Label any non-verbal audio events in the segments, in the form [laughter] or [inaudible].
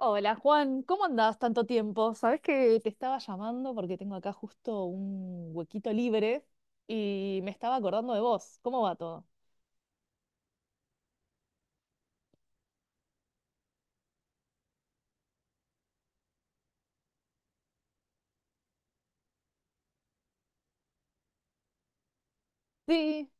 Hola Juan, ¿cómo andás tanto tiempo? Sabés que te estaba llamando porque tengo acá justo un huequito libre y me estaba acordando de vos. ¿Cómo va todo? Sí,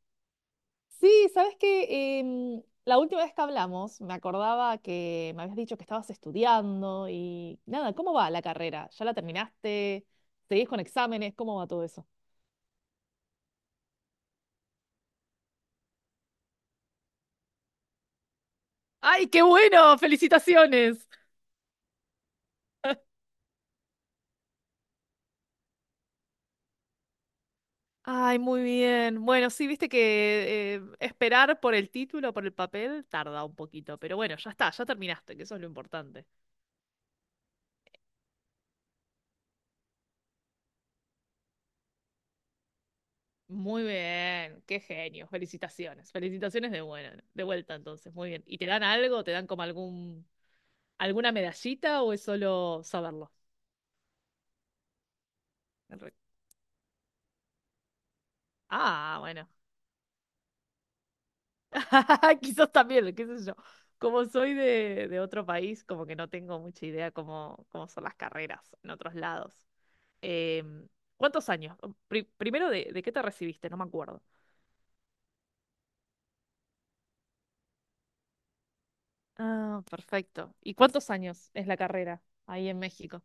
sí, sabés que la última vez que hablamos me acordaba que me habías dicho que estabas estudiando y nada, ¿cómo va la carrera? ¿Ya la terminaste? ¿Seguís con exámenes? ¿Cómo va todo eso? ¡Ay, qué bueno! ¡Felicitaciones! Ay, muy bien. Bueno, sí, viste que esperar por el título, por el papel, tarda un poquito, pero bueno, ya está, ya terminaste, que eso es lo importante. Muy bien, qué genio. Felicitaciones, felicitaciones de buena, de vuelta entonces, muy bien. ¿Y te dan algo? ¿Te dan como algún alguna medallita o es solo saberlo? El re- Ah, bueno. [laughs] Quizás también, qué sé yo. Como soy de otro país, como que no tengo mucha idea cómo, cómo son las carreras en otros lados. Eh, ¿Cuántos años? Primero, ¿de qué te recibiste? No me acuerdo. Ah, perfecto. ¿Y cuántos años es la carrera ahí en México?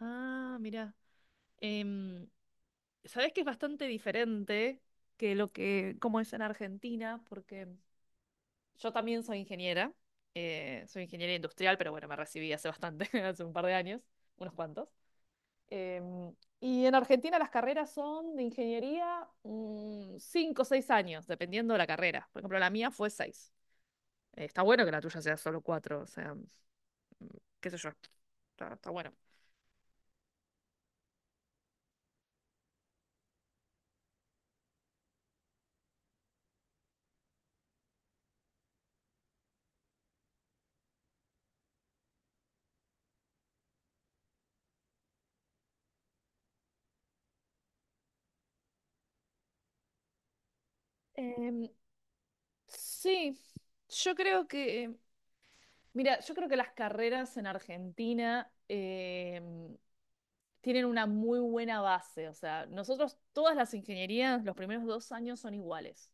Ah, mira. Em, sabés que es bastante diferente que lo que, como es en Argentina, porque yo también soy ingeniera industrial, pero bueno, me recibí hace bastante, [laughs] hace un par de años, unos cuantos. Y en Argentina las carreras son de ingeniería cinco o seis años, dependiendo de la carrera. Por ejemplo, la mía fue seis. Está bueno que la tuya sea solo cuatro, o sea, qué sé yo, está bueno. Em, sí, yo creo que, mira, yo creo que las carreras en Argentina tienen una muy buena base. O sea, nosotros todas las ingenierías, los primeros dos años son iguales.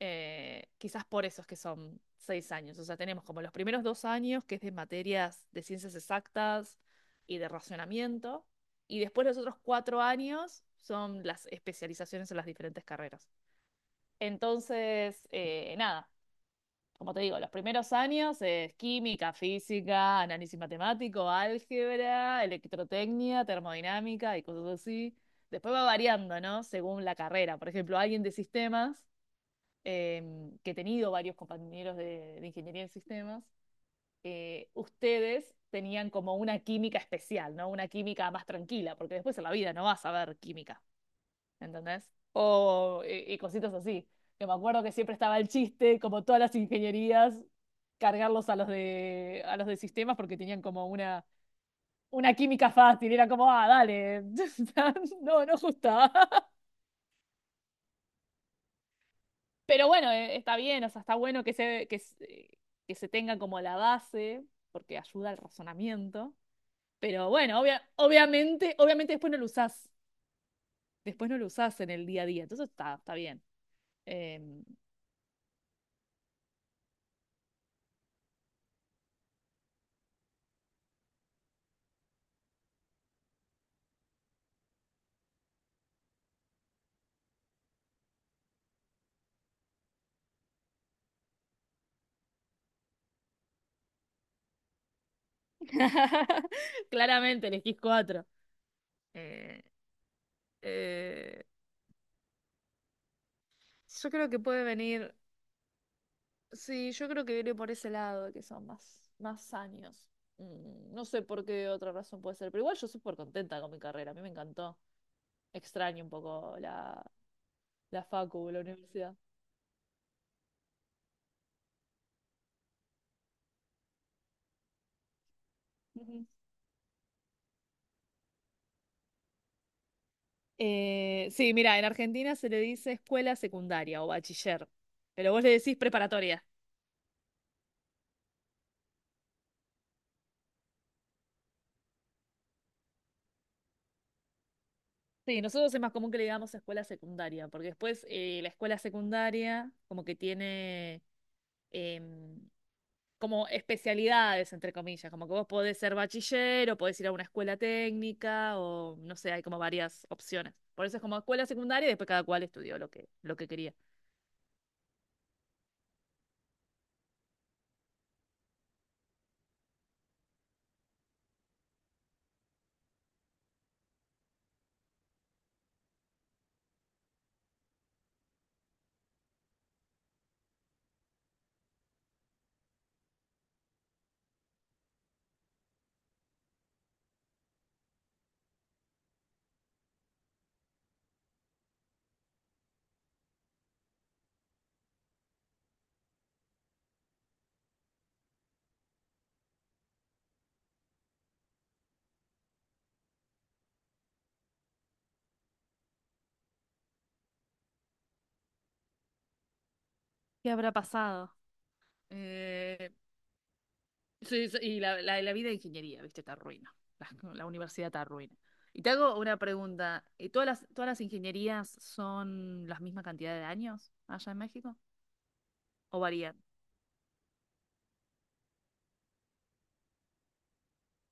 Quizás por eso es que son seis años. O sea, tenemos como los primeros dos años, que es de materias de ciencias exactas y de racionamiento, y después los otros cuatro años son las especializaciones en las diferentes carreras. Entonces, nada, como te digo, los primeros años es química, física, análisis matemático, álgebra, electrotecnia, termodinámica y cosas así. Después va variando, ¿no? Según la carrera. Por ejemplo, alguien de sistemas que he tenido varios compañeros de ingeniería en sistemas, ustedes tenían como una química especial, ¿no? Una química más tranquila, porque después en la vida no vas a ver química, ¿entendés? O, y cositas así. Que me acuerdo que siempre estaba el chiste, como todas las ingenierías, cargarlos a a los de sistemas porque tenían como una química fácil. Era como, ah, dale, [laughs] no, no justa. Pero bueno, está bien, o sea, está bueno que se, que se tenga como la base, porque ayuda al razonamiento. Pero bueno, obviamente, obviamente después no lo usás, después no lo usás en el día a día, entonces está, está bien. Em, [laughs] claramente elegís cuatro. Eh, eh, yo creo que puede venir. Sí, yo creo que viene por ese lado, que son más, más años. No sé por qué otra razón puede ser, pero igual yo súper contenta con mi carrera, a mí me encantó. Extraño un poco la, la facu, la universidad. Ujú. Sí, mira, en Argentina se le dice escuela secundaria o bachiller, pero vos le decís preparatoria. Sí, nosotros es más común que le digamos escuela secundaria, porque después la escuela secundaria como que tiene em, como especialidades, entre comillas, como que vos podés ser bachiller o podés ir a una escuela técnica o no sé, hay como varias opciones. Por eso es como escuela secundaria y después cada cual estudió lo que quería. ¿Qué habrá pasado? Eh, sí, sí, y la vida de ingeniería, ¿viste? Está arruina. La, la universidad está arruina. Y te hago una pregunta. Todas las ingenierías son la misma cantidad de años allá en México? ¿O varían?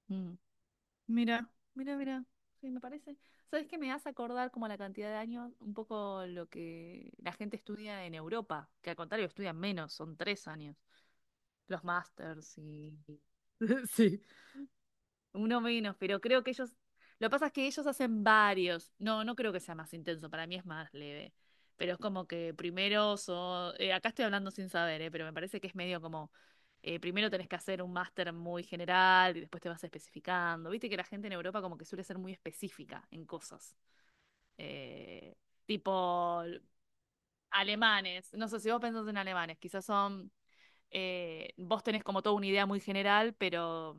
Mm. Mira, mira, mira. Sí, me parece. ¿Sabes qué me hace acordar como la cantidad de años? Un poco lo que la gente estudia en Europa, que al contrario estudian menos, son tres años. Los másters y... [laughs] Sí, uno menos, pero creo que ellos, lo que pasa es que ellos hacen varios, no, no creo que sea más intenso, para mí es más leve, pero es como que primero, acá estoy hablando sin saber, pero me parece que es medio como, primero tenés que hacer un máster muy general y después te vas especificando, viste que la gente en Europa como que suele ser muy específica en cosas, eh, tipo alemanes, no sé si vos pensás en alemanes, quizás son vos tenés como toda una idea muy general, pero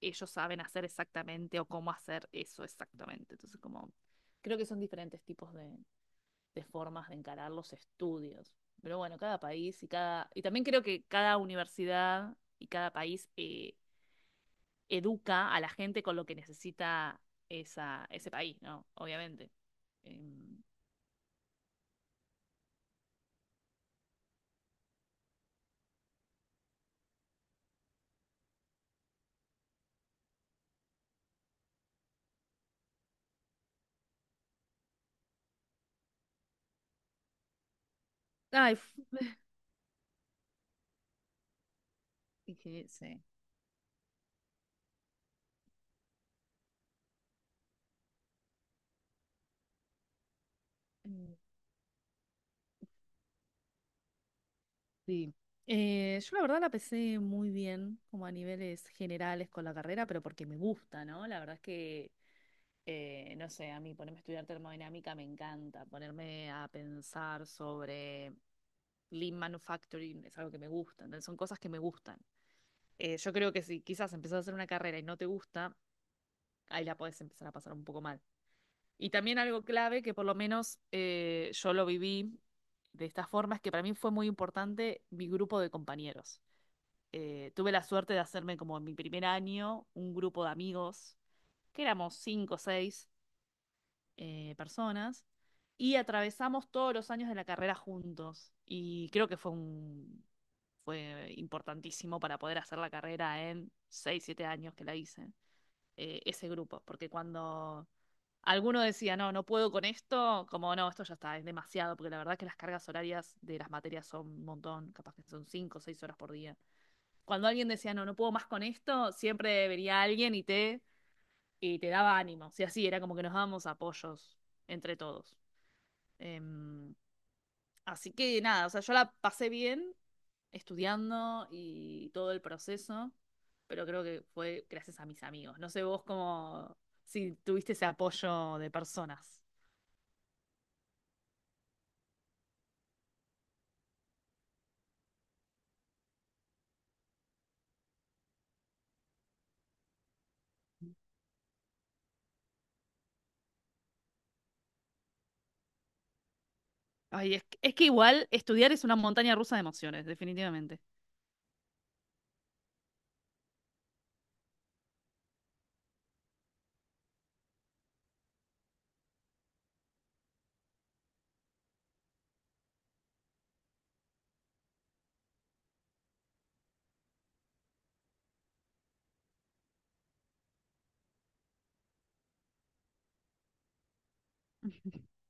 ellos saben hacer exactamente o cómo hacer eso exactamente. Entonces, como creo que son diferentes tipos de formas de encarar los estudios. Pero bueno, cada país y cada. Y también creo que cada universidad y cada país educa a la gente con lo que necesita esa, ese país, ¿no? Obviamente. Em, Ay, sí. Sí. Yo la verdad la pesé muy bien, como a niveles generales con la carrera, pero porque me gusta, ¿no? La verdad es que, no sé, a mí ponerme a estudiar termodinámica me encanta, ponerme a pensar sobre lean manufacturing es algo que me gusta, entonces son cosas que me gustan. Yo creo que si quizás empezás a hacer una carrera y no te gusta, ahí la podés empezar a pasar un poco mal. Y también algo clave que por lo menos yo lo viví de esta forma es que para mí fue muy importante mi grupo de compañeros. Tuve la suerte de hacerme como en mi primer año un grupo de amigos, que éramos cinco o seis personas, y atravesamos todos los años de la carrera juntos. Y creo que fue un, fue importantísimo para poder hacer la carrera en seis, siete años que la hice, ese grupo, porque cuando... Alguno decía, no, no puedo con esto, como no, esto ya está, es demasiado, porque la verdad que las cargas horarias de las materias son un montón, capaz que son cinco o seis horas por día cuando alguien decía, no, no puedo más con esto, siempre venía alguien y te daba ánimo. O sea, sí, era como que nos dábamos apoyos entre todos. Em, así que nada, o sea, yo la pasé bien estudiando y todo el proceso, pero creo que fue gracias a mis amigos. No sé vos cómo, si tuviste ese apoyo de personas. Ay, es, es que igual estudiar es una montaña rusa de emociones, definitivamente. [laughs]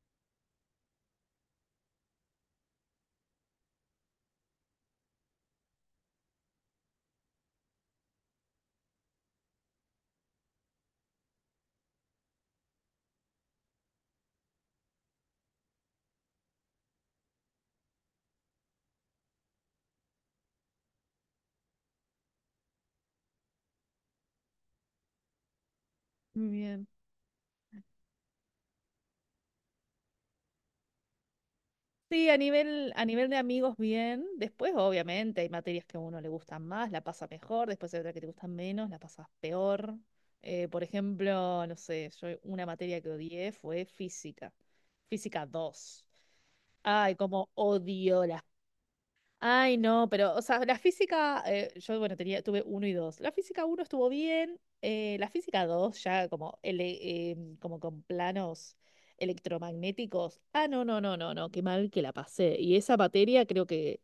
Muy bien. Sí, a nivel de amigos bien. Después, obviamente, hay materias que a uno le gustan más, la pasa mejor, después hay otras que te gustan menos, la pasas peor. Por ejemplo, no sé, yo una materia que odié fue física, física 2. Ay, cómo odio las. Ay, no, pero, o sea, la física, yo, bueno, tenía, tuve uno y dos. La física uno estuvo bien, la física dos ya como, como con planos electromagnéticos. Ah, no, no, no, no, no, qué mal que la pasé. Y esa materia creo que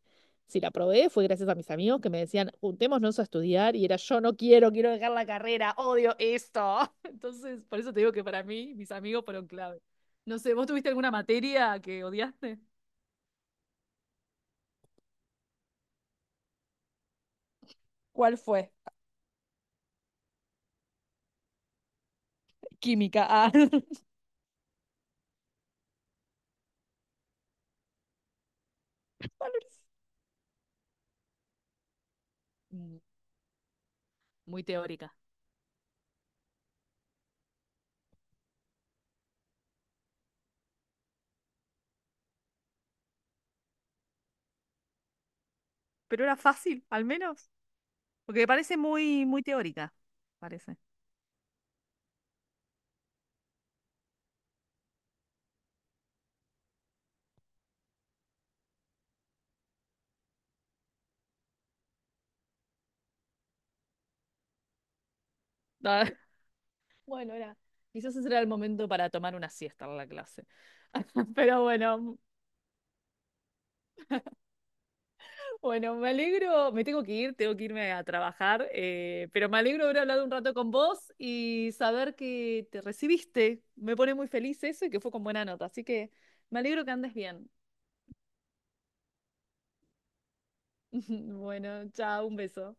si la probé fue gracias a mis amigos que me decían, juntémonos a estudiar, y era yo no quiero, quiero dejar la carrera, odio esto. [laughs] Entonces, por eso te digo que para mí, mis amigos fueron clave. No sé, ¿vos tuviste alguna materia que odiaste? ¿Cuál fue? Química. Ah. [laughs] mm, muy teórica. Pero era fácil, al menos. Porque me parece muy, muy teórica. Parece. Ah, [laughs] bueno, era, quizás ese era el momento para tomar una siesta en la clase. [laughs] Pero bueno, bueno, me alegro, me tengo que ir, tengo que irme a trabajar, pero me alegro de haber hablado un rato con vos y saber que te recibiste. Me pone muy feliz eso y que fue con buena nota, así que me alegro que andes bien. [laughs] Bueno, chao, un beso.